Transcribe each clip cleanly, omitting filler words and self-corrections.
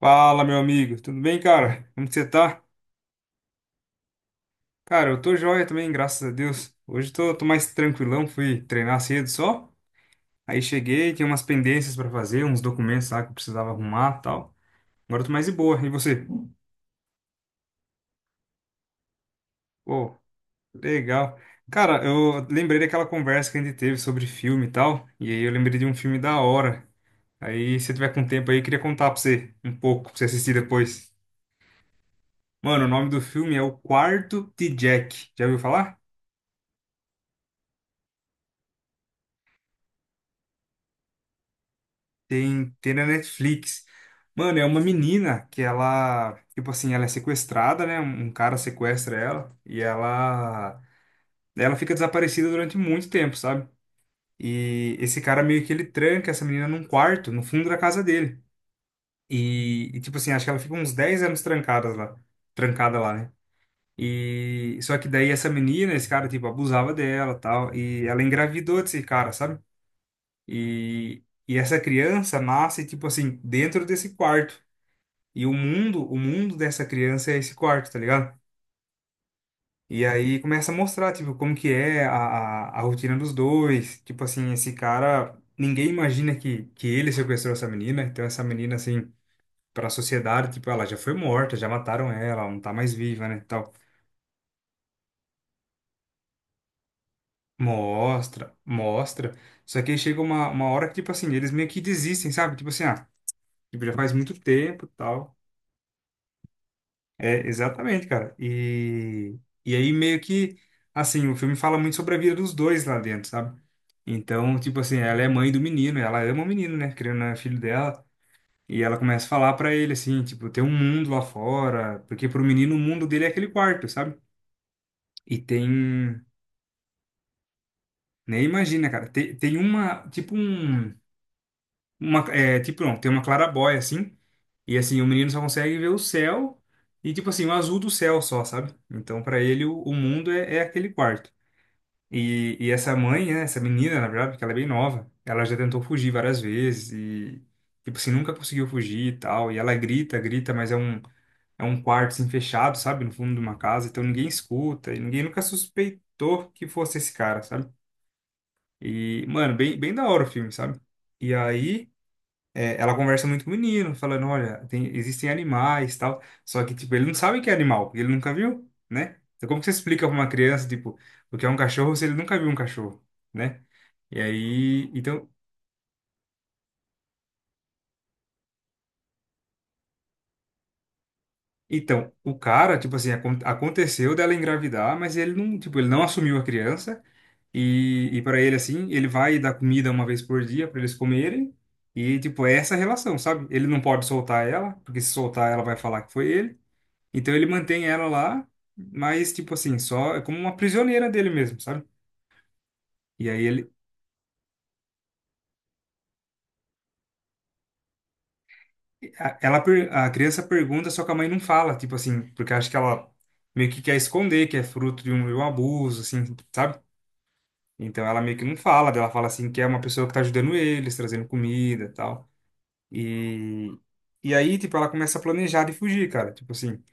Fala, meu amigo. Tudo bem, cara? Como que você tá? Cara, eu tô joia também, graças a Deus. Hoje tô mais tranquilão, fui treinar cedo só. Aí cheguei, tinha umas pendências pra fazer, uns documentos lá que eu precisava arrumar e tal. Agora eu tô mais de boa. E você? Pô, legal. Cara, eu lembrei daquela conversa que a gente teve sobre filme e tal. E aí eu lembrei de um filme da hora. Aí, se você tiver com tempo aí, eu queria contar pra você um pouco, pra você assistir depois. Mano, o nome do filme é O Quarto de Jack. Já ouviu falar? Tem, tem na Netflix. Mano, é uma menina que ela, tipo assim, ela é sequestrada, né? Um cara sequestra ela e ela fica desaparecida durante muito tempo, sabe? E esse cara meio que ele tranca essa menina num quarto, no fundo da casa dele. E tipo assim, acho que ela fica uns 10 anos trancada lá, né? E só que daí essa menina, esse cara tipo abusava dela, tal, e ela engravidou desse cara, sabe? E essa criança nasce, tipo assim, dentro desse quarto. E o mundo dessa criança é esse quarto, tá ligado? E aí começa a mostrar, tipo, como que é a rotina dos dois. Tipo assim, esse cara, ninguém imagina que ele sequestrou essa menina. Então essa menina, assim, pra sociedade, tipo, ela já foi morta, já mataram ela, ela não tá mais viva, né, e tal. Mostra, mostra. Só que aí chega uma hora que, tipo assim, eles meio que desistem, sabe? Tipo assim, ah, tipo, já faz muito tempo, tal. É, exatamente, cara. E aí meio que, assim, o filme fala muito sobre a vida dos dois lá dentro, sabe? Então, tipo assim, ela é mãe do menino, ela ama o menino, né? Querendo ou não, é filho dela. E ela começa a falar pra ele, assim, tipo, tem um mundo lá fora, porque pro menino o mundo dele é aquele quarto, sabe? E tem, nem imagina, cara, tem uma, tipo um, uma, é, tipo, não, tem uma clarabóia, assim, e assim, o menino só consegue ver o céu e, tipo assim, o azul do céu só, sabe? Então, pra ele, o mundo é, é aquele quarto. E essa mãe, né, essa menina, na verdade, porque ela é bem nova, ela já tentou fugir várias vezes e, tipo assim, nunca conseguiu fugir e tal. E ela grita, grita, mas é um, quarto, assim, fechado, sabe? No fundo de uma casa, então ninguém escuta e ninguém nunca suspeitou que fosse esse cara, sabe? E, mano, bem, bem da hora o filme, sabe? E aí ela conversa muito com o menino, falando, olha, existem animais, tal. Só que, tipo, ele não sabe que é animal, porque ele nunca viu, né? Então, como que você explica pra uma criança, tipo, o que é um cachorro se ele nunca viu um cachorro, né? E aí, então, então, o cara, tipo assim, aconteceu dela engravidar, mas ele não, tipo, ele não assumiu a criança. E para ele, assim, ele vai dar comida uma vez por dia para eles comerem. E, tipo, é essa a relação, sabe? Ele não pode soltar ela, porque se soltar ela vai falar que foi ele. Então ele mantém ela lá, mas tipo assim, só é como uma prisioneira dele mesmo, sabe? E aí ele a criança pergunta, só que a mãe não fala, tipo assim, porque acha que ela meio que quer esconder que é fruto de um, abuso, assim, sabe? Então ela meio que não fala, daí ela fala assim que é uma pessoa que tá ajudando eles, trazendo comida, e tal. E e aí, tipo, ela começa a planejar de fugir, cara, tipo assim,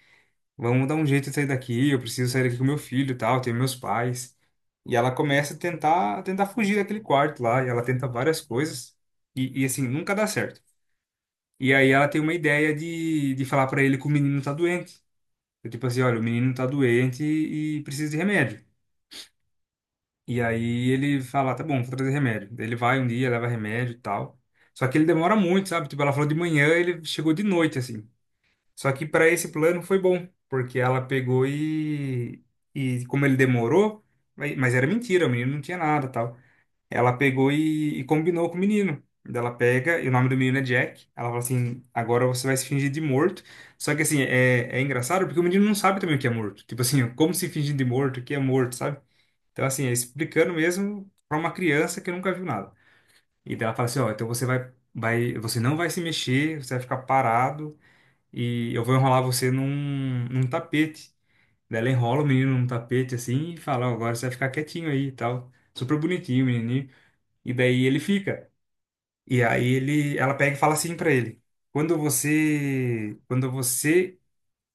vamos dar um jeito de sair daqui, eu preciso sair daqui com meu filho, e tal, tenho meus pais. E ela começa a tentar, fugir daquele quarto lá, e ela tenta várias coisas, e assim, nunca dá certo. E aí ela tem uma ideia de falar pra ele que o menino tá doente. É tipo assim, olha, o menino tá doente e precisa de remédio. E aí ele fala, tá bom, vou trazer remédio. Daí ele vai um dia, leva remédio e tal. Só que ele demora muito, sabe? Tipo, ela falou de manhã, ele chegou de noite, assim. Só que pra esse plano foi bom, porque ela pegou e como ele demorou, mas era mentira, o menino não tinha nada, tal. Ela pegou e combinou com o menino. Daí ela pega, e o nome do menino é Jack. Ela fala assim: agora você vai se fingir de morto. Só que assim, é, é engraçado porque o menino não sabe também o que é morto. Tipo assim, como se fingir de morto, o que é morto, sabe? Então, assim, é explicando mesmo pra uma criança que nunca viu nada. E daí ela fala assim: ó, então você vai, você não vai se mexer, você vai ficar parado e eu vou enrolar você num, tapete. Daí ela enrola o menino num tapete assim e fala: ó, agora você vai ficar quietinho aí e tal. Super bonitinho, o menininho. E daí ele fica. E aí ele, ela pega e fala assim pra ele: "Quando você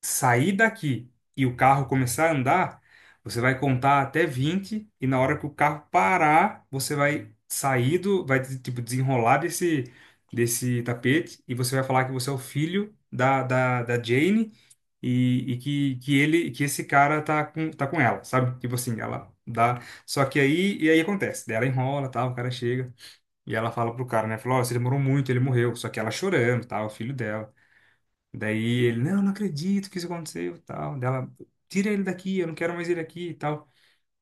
sair daqui e o carro começar a andar, você vai contar até 20 e na hora que o carro parar, você vai sair do, vai tipo desenrolar desse tapete e você vai falar que você é o filho da Jane e que ele que esse cara tá com ela, sabe? Tipo assim, ela dá. Só que aí acontece, daí ela enrola, tal, o cara chega e ela fala pro cara, né? Falou, ó, você demorou muito, ele morreu. Só que ela chorando, tal, o filho dela. Daí ele, não, não acredito que isso aconteceu, tal. Dela, tira ele daqui, eu não quero mais ele aqui, e tal.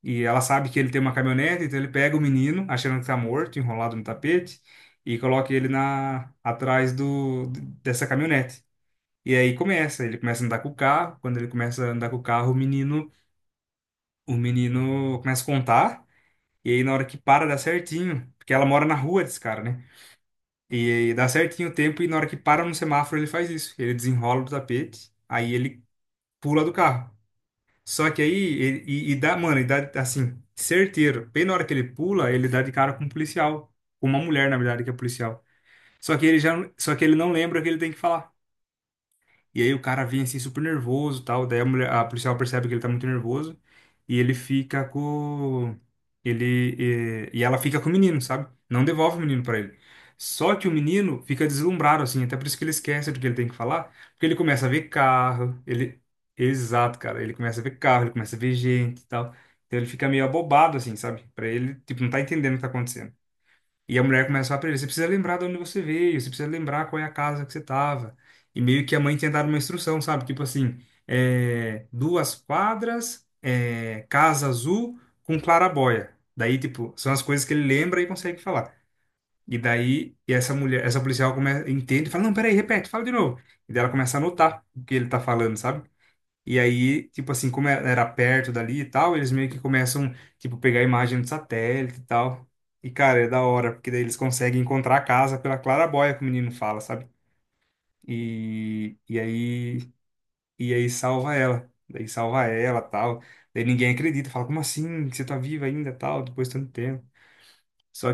E ela sabe que ele tem uma caminhonete, então ele pega o menino, achando que tá morto, enrolado no tapete, e coloca ele na atrás do dessa caminhonete. E aí começa, ele começa a andar com o carro. Quando ele começa a andar com o carro, o menino começa a contar. E aí na hora que para dá certinho, porque ela mora na rua desse cara, né? E dá certinho o tempo e na hora que para no semáforo ele faz isso. Ele desenrola do tapete, aí ele pula do carro. Só que aí, e dá, mano, e dá assim, certeiro. Bem na hora que ele pula, ele dá de cara com um policial. Com uma mulher, na verdade, que é policial. Só que ele já, não- só que ele não lembra o que ele tem que falar. E aí o cara vem assim super nervoso, e tal, daí a mulher, a policial percebe que ele tá muito nervoso e ele fica com ele e ela fica com o menino, sabe? Não devolve o menino pra ele. Só que o menino fica deslumbrado assim, até por isso que ele esquece do que ele tem que falar, porque ele começa a ver carro, ele exato, cara, ele começa a ver carro, ele começa a ver gente, e tal. Então ele fica meio abobado assim, sabe? Pra ele, tipo, não tá entendendo o que tá acontecendo. E a mulher começa a falar pra ele, você precisa lembrar de onde você veio, você precisa lembrar qual é a casa que você tava. E meio que a mãe tinha dado uma instrução, sabe? Tipo assim, é, 2 quadras, é, casa azul com claraboia. Daí, tipo, são as coisas que ele lembra e consegue falar. E daí, e essa mulher, essa policial começa, entende e fala, não, peraí, repete, fala de novo. E daí ela começa a anotar o que ele tá falando, sabe? E aí, tipo assim, como é, era perto dali e tal, eles meio que começam, tipo, pegar a imagem do satélite e tal. E, cara, é da hora, porque daí eles conseguem encontrar a casa pela claraboia que o menino fala, sabe? E aí, salva ela. Daí salva ela, tal. Daí ninguém acredita, fala, como assim? Você tá viva ainda, tal, depois de tanto tempo. Só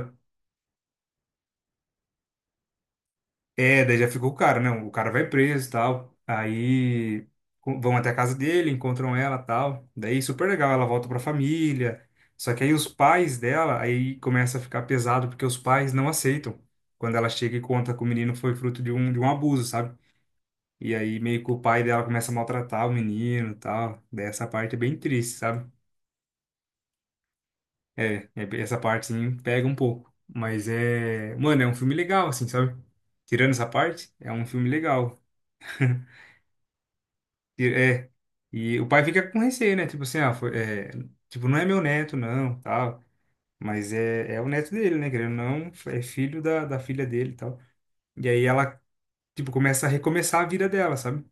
É, daí já ficou o cara, né? O cara vai preso e tal. Aí vão até a casa dele, encontram ela e tal. Daí super legal, ela volta pra família. Só que aí os pais dela, aí começa a ficar pesado porque os pais não aceitam. Quando ela chega e conta que o menino foi fruto de um abuso, sabe? E aí meio que o pai dela começa a maltratar o menino e tal. Daí essa parte é bem triste, sabe? Essa parte sim pega um pouco. Mas é. Mano, é um filme legal, assim, sabe? Tirando essa parte, é um filme legal. É. E o pai fica com receio, né? Tipo assim, ah, foi, é, tipo, não é meu neto, não, tal. Mas é, é o neto dele, né? Querendo ou não, é filho da, da filha dele e tal. E aí ela, tipo, começa a recomeçar a vida dela, sabe?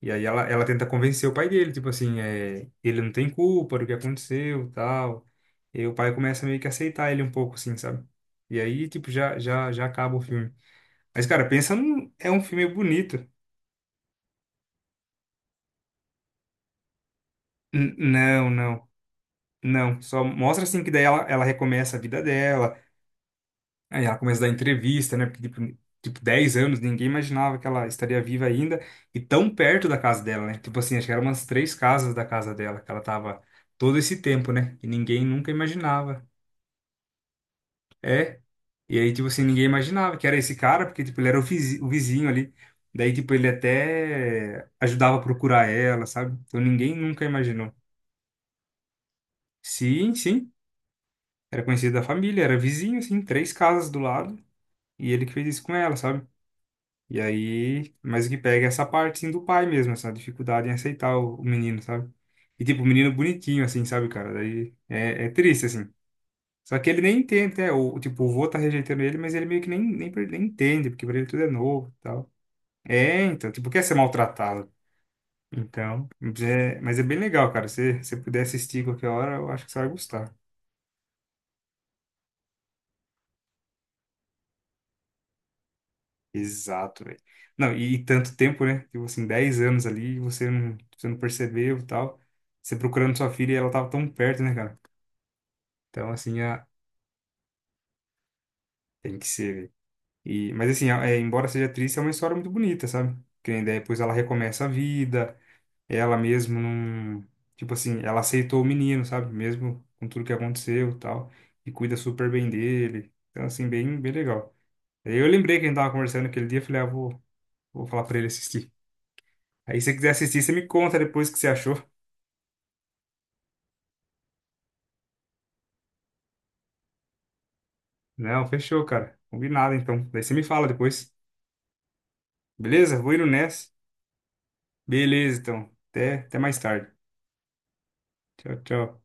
E aí ela tenta convencer o pai dele, tipo assim, é, ele não tem culpa do que aconteceu, tal. E aí o pai começa meio que a aceitar ele um pouco, assim, sabe? E aí, tipo, já acaba o filme. Mas, cara, pensa num... É um filme bonito. Não, não. Não, só mostra assim que daí ela, ela recomeça a vida dela, aí ela começa a dar entrevista, né? Porque, tipo, 10 anos, ninguém imaginava que ela estaria viva ainda e tão perto da casa dela, né? Tipo assim, acho que eram umas três casas da casa dela que ela tava todo esse tempo, né? E ninguém nunca imaginava. É. E aí, tipo assim, ninguém imaginava que era esse cara, porque, tipo, ele era o o vizinho ali. Daí, tipo, ele até ajudava a procurar ela, sabe? Então ninguém nunca imaginou. Sim, sim. Era conhecido da família, era vizinho, assim, três casas do lado. E ele que fez isso com ela, sabe? E aí, mas o que pega é essa parte, assim, do pai mesmo, essa dificuldade em aceitar o menino, sabe? E, tipo, o menino bonitinho, assim, sabe, cara? Daí é, é triste, assim. Só que ele nem entende, né? O, tipo, o vô tá rejeitando ele, mas ele meio que nem entende, porque pra ele tudo é novo e tal. É, então, tipo, quer ser maltratado. Então, mas é bem legal, cara. Se você puder assistir qualquer hora, eu acho que você vai gostar. Exato, velho. Não, e tanto tempo, né? Tipo assim, 10 anos ali, e você não percebeu e tal. Você procurando sua filha e ela tava tão perto, né, cara? Então, assim, a, tem que ser, velho. E, mas assim, é, embora seja triste, é uma história muito bonita, sabe? Que nem daí depois ela recomeça a vida, ela mesmo não. Tipo assim, ela aceitou o menino, sabe? Mesmo com tudo que aconteceu e tal. E cuida super bem dele. Então, assim, bem, bem legal. Aí eu lembrei que a gente tava conversando aquele dia, eu falei, ah, vou falar pra ele assistir. Aí se você quiser assistir, você me conta depois o que você achou. Não, fechou, cara. Combinado, então. Daí você me fala depois. Beleza? Vou indo nessa. Beleza, então. Até mais tarde. Tchau, tchau.